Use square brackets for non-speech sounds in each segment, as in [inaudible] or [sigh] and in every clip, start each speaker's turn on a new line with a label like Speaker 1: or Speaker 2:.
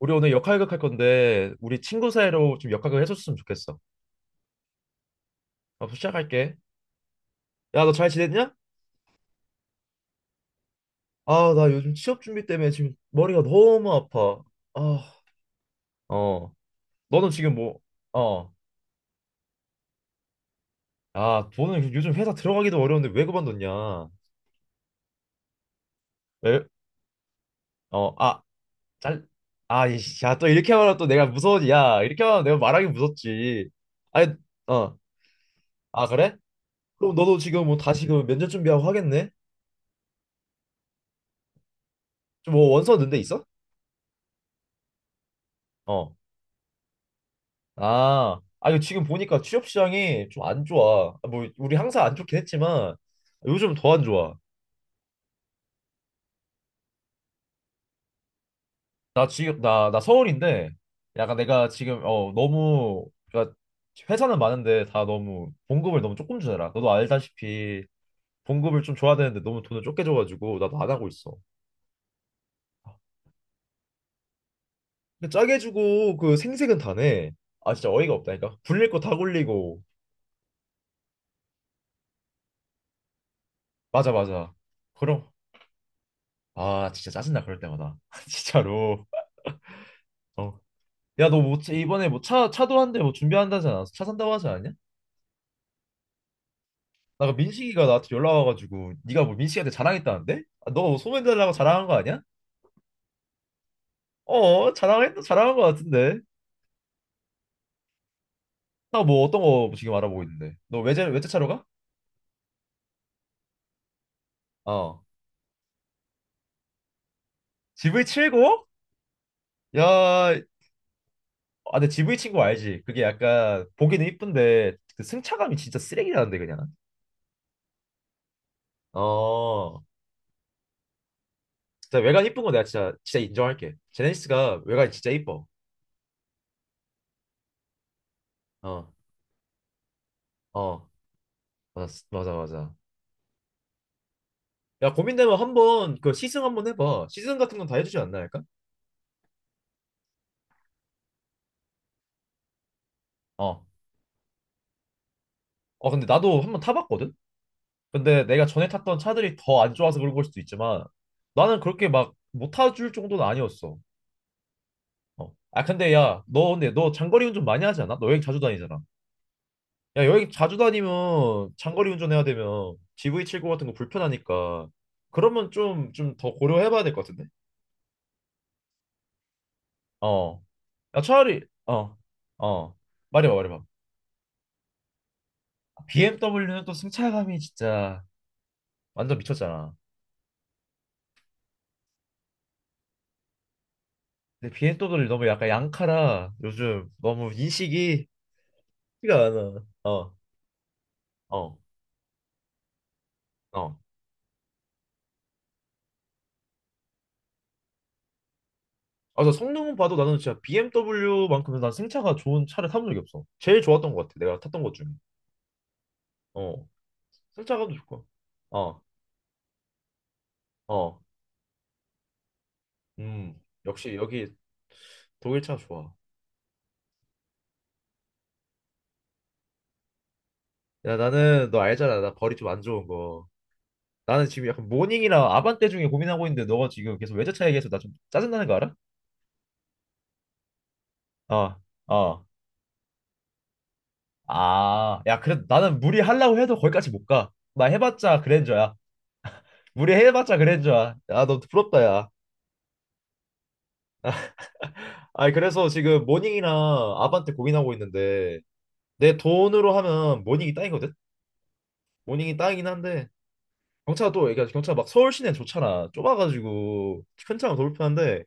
Speaker 1: 우리 오늘 역할극 할 건데 우리 친구 사이로 좀 역할극 해줬으면 좋겠어. 아, 시작할게. 야, 너 잘 지냈냐? 아, 나 요즘 취업 준비 때문에 지금 머리가 너무 아파. 아, 어. 너는 지금 뭐, 어. 아, 너는 요즘 회사 들어가기도 어려운데 왜 그만뒀냐? 왜? 어, 아, 잘. 아, 이씨, 야, 또 이렇게 말하면 또 내가 무서워지. 야, 이렇게 말하면 내가 말하기 무섭지. 아니, 어. 아, 그래? 그럼 너도 지금 뭐 다시 그 면접 준비하고 하겠네? 좀 뭐 원서 넣은 데 있어? 어. 아, 아니 지금 보니까 취업 시장이 좀 안 좋아. 아, 뭐 우리 항상 안 좋긴 했지만 요즘 더 안 좋아. 나 지금 나 서울인데 약간 내가 지금 어 너무 그러니까 회사는 많은데 다 너무 봉급을 너무 조금 주더라. 너도 알다시피 봉급을 좀 줘야 되는데 너무 돈을 적게 줘가지고 나도 안 하고 있어. 근데 짜게 주고 그 생색은 다네. 아, 진짜 어이가 없다니까. 굴릴 거 다 굴리고. 맞아 맞아. 그럼 아, 진짜 짜증나 그럴 때마다 [laughs] 진짜로. 어. 야, 너 뭐, 이번에 뭐 차도 한대 뭐 준비한다지 않았어? 차 산다고 하지 않았냐? 나그 민식이가 나한테 연락 와가지고, 네가 뭐 민식이한테 자랑했다는데? 아, 너 소문 달라고 자랑한 거 아니야? 어, 자랑했다, 자랑한 거 같은데. 나 뭐 어떤 거 지금 알아보고 있는데. 너 외제차로 가? 어. GV70? 야, 아, 근데 GV 친구 알지? 그게 약간, 보기는 이쁜데, 그 승차감이 진짜 쓰레기라는데, 그냥. 어. 진짜 외관 이쁜 거 내가 진짜, 진짜 인정할게. 제네시스가 외관이 진짜 이뻐. 어, 어. 맞아, 맞아, 맞아. 야, 고민되면 한번 그 시승 한번 해봐. 시승 같은 건 다 해주지 않나 할까? 어. 어, 근데 나도 한번 타봤거든? 근데 내가 전에 탔던 차들이 더 안 좋아서 그런 걸 수도 있지만 나는 그렇게 막 못 타줄 정도는 아니었어. 어. 아, 근데 야, 너 근데 너 장거리 운전 많이 하지 않아? 너 여행 자주 다니잖아. 야, 여행 자주 다니면 장거리 운전해야 되면 g v 7구 같은 거 불편하니까 그러면 좀, 좀 더 고려해봐야 될 것 같은데? 어. 야, 차라리, 어, 어. 말해봐, 말해봐. BMW는 또 승차감이 진짜. 완전 미쳤잖아. 근데 비엔또들이 너무 약간 양카라 요즘 너무 인식이 티가 안 나. 어, 어, 어. 아, 나 성능은 봐도 나는 진짜 BMW만큼은 난 승차가 좋은 차를 타본 적이 없어. 제일 좋았던 것 같아. 내가 탔던 것 중에. 어, 승차감도 좋고. 어, 어, 음, 역시 여기 독일 차 좋아. 야, 나는 너 알잖아. 나 벌이 좀 안 좋은 거. 나는 지금 약간 모닝이랑 아반떼 중에 고민하고 있는데 너가 지금 계속 외제차 얘기해서 나 좀 짜증나는 거 알아? 어, 어. 아, 야, 그래도 나는 무리하려고 해도 거기까지 못 가. 나 해봤자 그랜저야. 무리해봤자 그랜저야. 야, 너 부럽다, 야. 아니, 그래서 지금 모닝이랑 아반떼 고민하고 있는데, 내 돈으로 하면 모닝이 땅이거든? 모닝이 땅이긴 한데, 경차가 또, 그러니까 경차가 막 서울 시내는 좋잖아. 좁아가지고, 큰 차가 더 불편한데,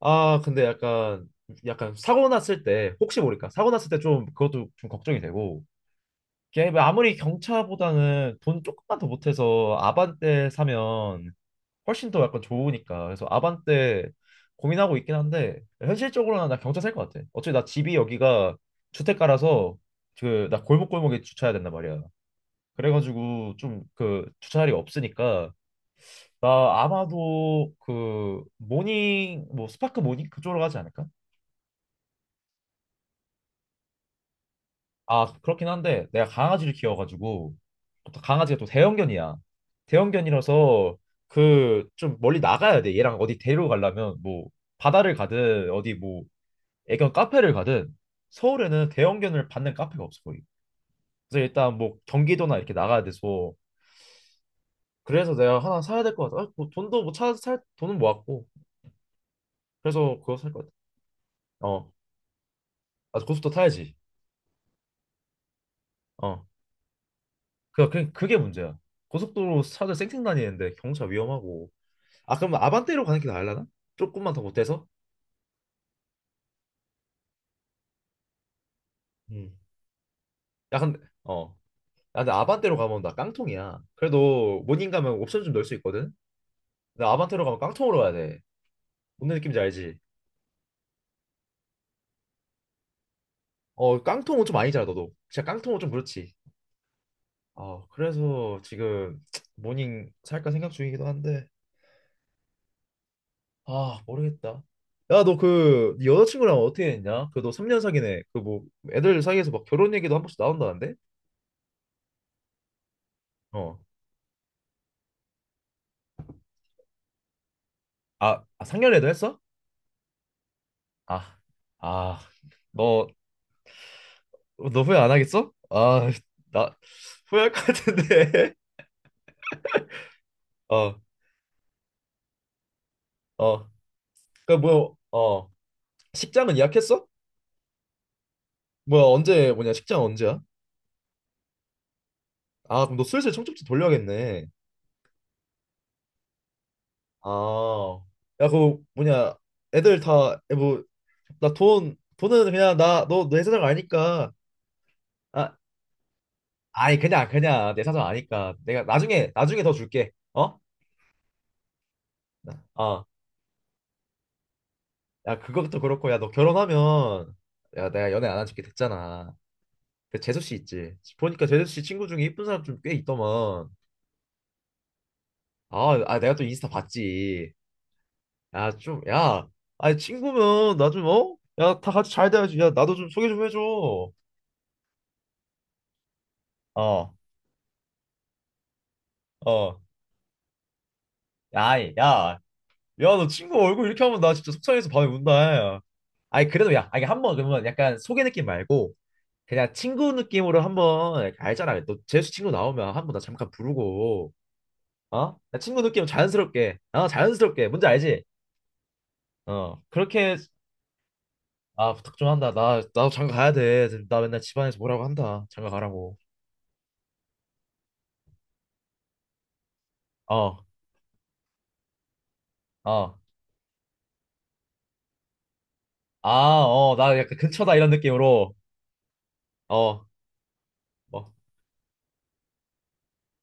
Speaker 1: 아, 근데 약간, 약간 사고 났을 때, 혹시 모를까? 사고 났을 때 좀, 그것도 좀 걱정이 되고, 걔 아무리 경차보다는 돈 조금만 더 못해서 아반떼 사면 훨씬 더 약간 좋으니까. 그래서 아반떼 고민하고 있긴 한데 현실적으로는 나 경차 살 것 같아. 어차피 나 집이 여기가 주택가라서 그 나 골목골목에 주차해야 된단 말이야. 그래가지고 좀 그 주차 자리가 없으니까 나 아마도 그 모닝 뭐 스파크 모닝 그쪽으로 가지 않을까? 아, 그렇긴 한데 내가 강아지를 키워가지고 또 강아지가 또 대형견이야. 대형견이라서 그 좀 멀리 나가야 돼. 얘랑 어디 데리러 가려면 뭐 바다를 가든 어디 뭐 애견 카페를 가든 서울에는 대형견을 받는 카페가 없어 거의. 그래서 일단 뭐 경기도나 이렇게 나가야 돼서 그래서 내가 하나 사야 될 것 같아. 아, 뭐 돈도 뭐 차 살 돈은 모았고 그래서 그거 살 것 같아. 어, 아, 고속도로 타야지. 어, 그 그게 문제야. 고속도로 차들 쌩쌩 다니는데 경차 위험하고. 아, 그럼 아반떼로 가는 게 나을라나? 조금만 더 못해서? 음. 야 근데 어. 야, 근데 아반떼로 가면 나 깡통이야. 그래도 모닝 가면 옵션 좀 넣을 수 있거든. 근데 아반떼로 가면 깡통으로 가야 돼. 무슨 느낌인지 알지? 어, 깡통은 좀 아니잖아, 너도. 진짜 깡통은 좀 그렇지. 아, 그래서 지금 모닝 살까 생각 중이기도 한데, 아, 모르겠다. 야, 너 그, 네 여자친구랑 어떻게 했냐? 그 너 3년 사귀네. 그 뭐, 애들 사이에서 막 결혼 얘기도 한 번씩 나온다는데? 어. 아, 아, 상견례도 했어? 아, 아, 너, 너 후회 안 하겠어? 아, 나 후회할 것 같은데. [laughs] 어, 어. 그, 뭐, 어. 식장은 예약했어? 뭐야, 언제, 뭐냐, 식장 언제야? 아, 그럼 너 슬슬 청첩지 돌려야겠네. 아, 야, 그 뭐냐, 애들 다 뭐 나 돈, 돈은 그냥 나 너 내 사정 아니까. 아, 아니 그냥 내 사정 아니까. 내가 나중에 더 줄게. 어? 어. 야, 그것도 그렇고 야, 너 결혼하면 야, 내가 연애 안 한 지 꽤 됐잖아. 그 재수 씨 있지? 보니까 재수 씨 친구 중에 이쁜 사람 좀 꽤 있더만. 아, 아, 내가 또 인스타 봤지. 야, 좀, 야. 아니, 친구면 나 좀, 어? 야, 다 같이 잘 돼야지. 야, 나도 좀 소개 좀 해줘. 어, 어. 야, 이 야. 야, 너 친구 얼굴 이렇게 하면 나 진짜 속상해서 밤에 운다. 아니, 그래도 야, 아니, 한번 그러면 약간 소개 느낌 말고 그냥 친구 느낌으로 한번 알잖아. 너 재수 친구 나오면 한 번 나 잠깐 부르고, 어? 야, 친구 느낌 자연스럽게, 어, 자연스럽게. 뭔지 알지? 어, 그렇게, 아, 부탁 좀 한다. 나도 장가 가야 돼. 나 맨날 집안에서 뭐라고 한다. 장가 가라고. 어. 어. 아, 어, 나 약간 근처다 이런 느낌으로. 어, 뭐.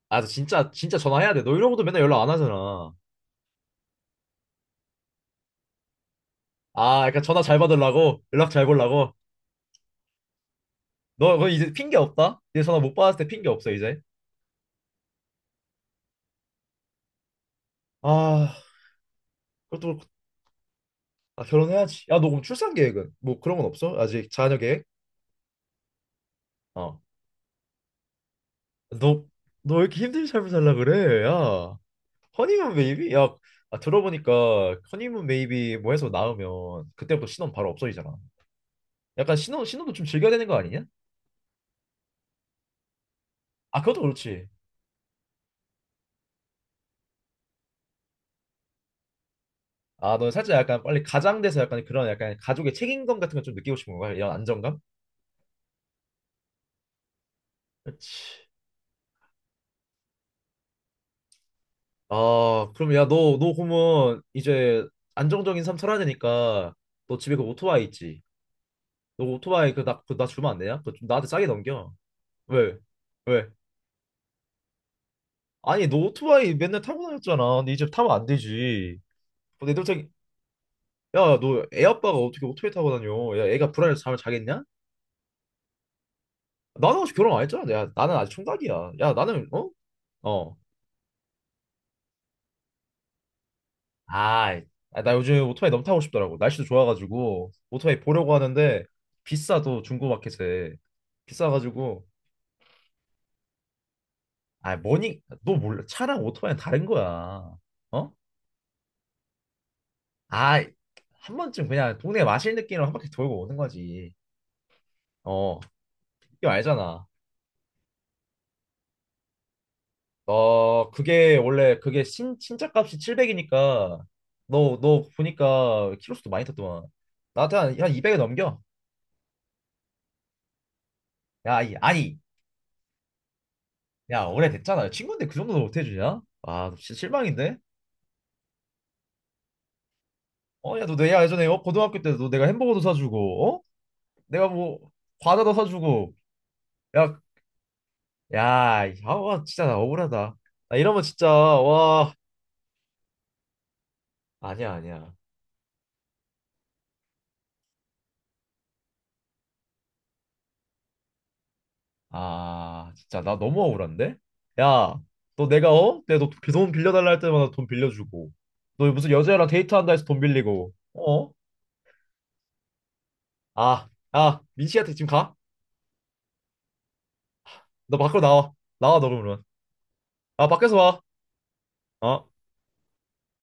Speaker 1: 아, 너 진짜, 진짜 전화해야 돼. 너 이러고도 맨날 연락 안 하잖아. 아, 약간 전화 잘 받으려고? 연락 잘 보려고? 너 이제 핑계 없다? 이제 전화 못 받았을 때 핑계 없어, 이제. 아, 그것도 그렇고. 아, 결혼해야지. 야, 너 그럼 출산 계획은? 뭐 그런 건 없어? 아직 자녀 계획? 어. 너, 너 왜 이렇게 힘든 삶을 살라 그래? 야, 허니문 베이비? 야, 아, 들어보니까 허니문 베이비 뭐 해서 낳으면 그때부터 신혼 바로 없어지잖아. 약간 신혼, 신혼도 좀 즐겨야 되는 거 아니냐? 아, 그것도 그렇지. 아, 넌 살짝 약간 빨리 가장돼서 약간 그런 약간 가족의 책임감 같은 걸 좀 느끼고 싶은 건가? 이런 안정감? 그렇지. 아, 그럼 야, 너 그러면 이제 안정적인 삶 살아야 되니까 너 집에 그 오토바이 있지? 너 오토바이 그 나, 그나 주면 안 되냐? 그거 좀 나한테 싸게 넘겨. 왜? 왜? 아니, 너 오토바이 맨날 타고 다녔잖아. 근데 이제 타면 안 되지. 어, 내 동생, 야, 너 애 아빠가 어떻게 오토바이 타고 다녀? 야, 애가 불안해서 잠을 자겠냐? 나는 아직 결혼 안 했잖아. 야, 나는 아직 총각이야. 야, 나는, 어? 어. 아, 아, 나 요즘 오토바이 너무 타고 싶더라고. 날씨도 좋아가지고 오토바이 보려고 하는데 비싸도 중고마켓에 비싸가지고 아, 뭐니, 너 몰라 차랑 오토바이는 다른 거야. 어? 아, 한 번쯤 그냥 동네 마실 느낌으로 한 바퀴 돌고 오는 거지. 어, 이거 알잖아. 어, 그게 원래 그게 신 신차 값이 700이니까 너 보니까 키로수도 많이 탔더만 나한테 한 200에 넘겨. 야, 아니 야, 오래됐잖아. 친구인데 그 정도는 못 해주냐? 아, 너 진짜 실망인데? 어, 야, 너 내가 예전에 어, 고등학교 때도 너 내가 햄버거도 사주고, 어? 내가 뭐 과자도 사주고, 야, 야, 아, 와, 진짜 나 억울하다. 나 이러면 진짜 와, 아니야, 아니야. 아, 진짜 나 너무 억울한데? 야, 너 내가 어? 내가 너 돈 빌려달라 할 때마다 돈 빌려주고, 너 무슨 여자애랑 데이트한다 해서 돈 빌리고, 어? 아, 아, 민씨한테 지금 가? 너 밖으로 나와, 나와 너 그러면. 아, 밖에서 와. 어?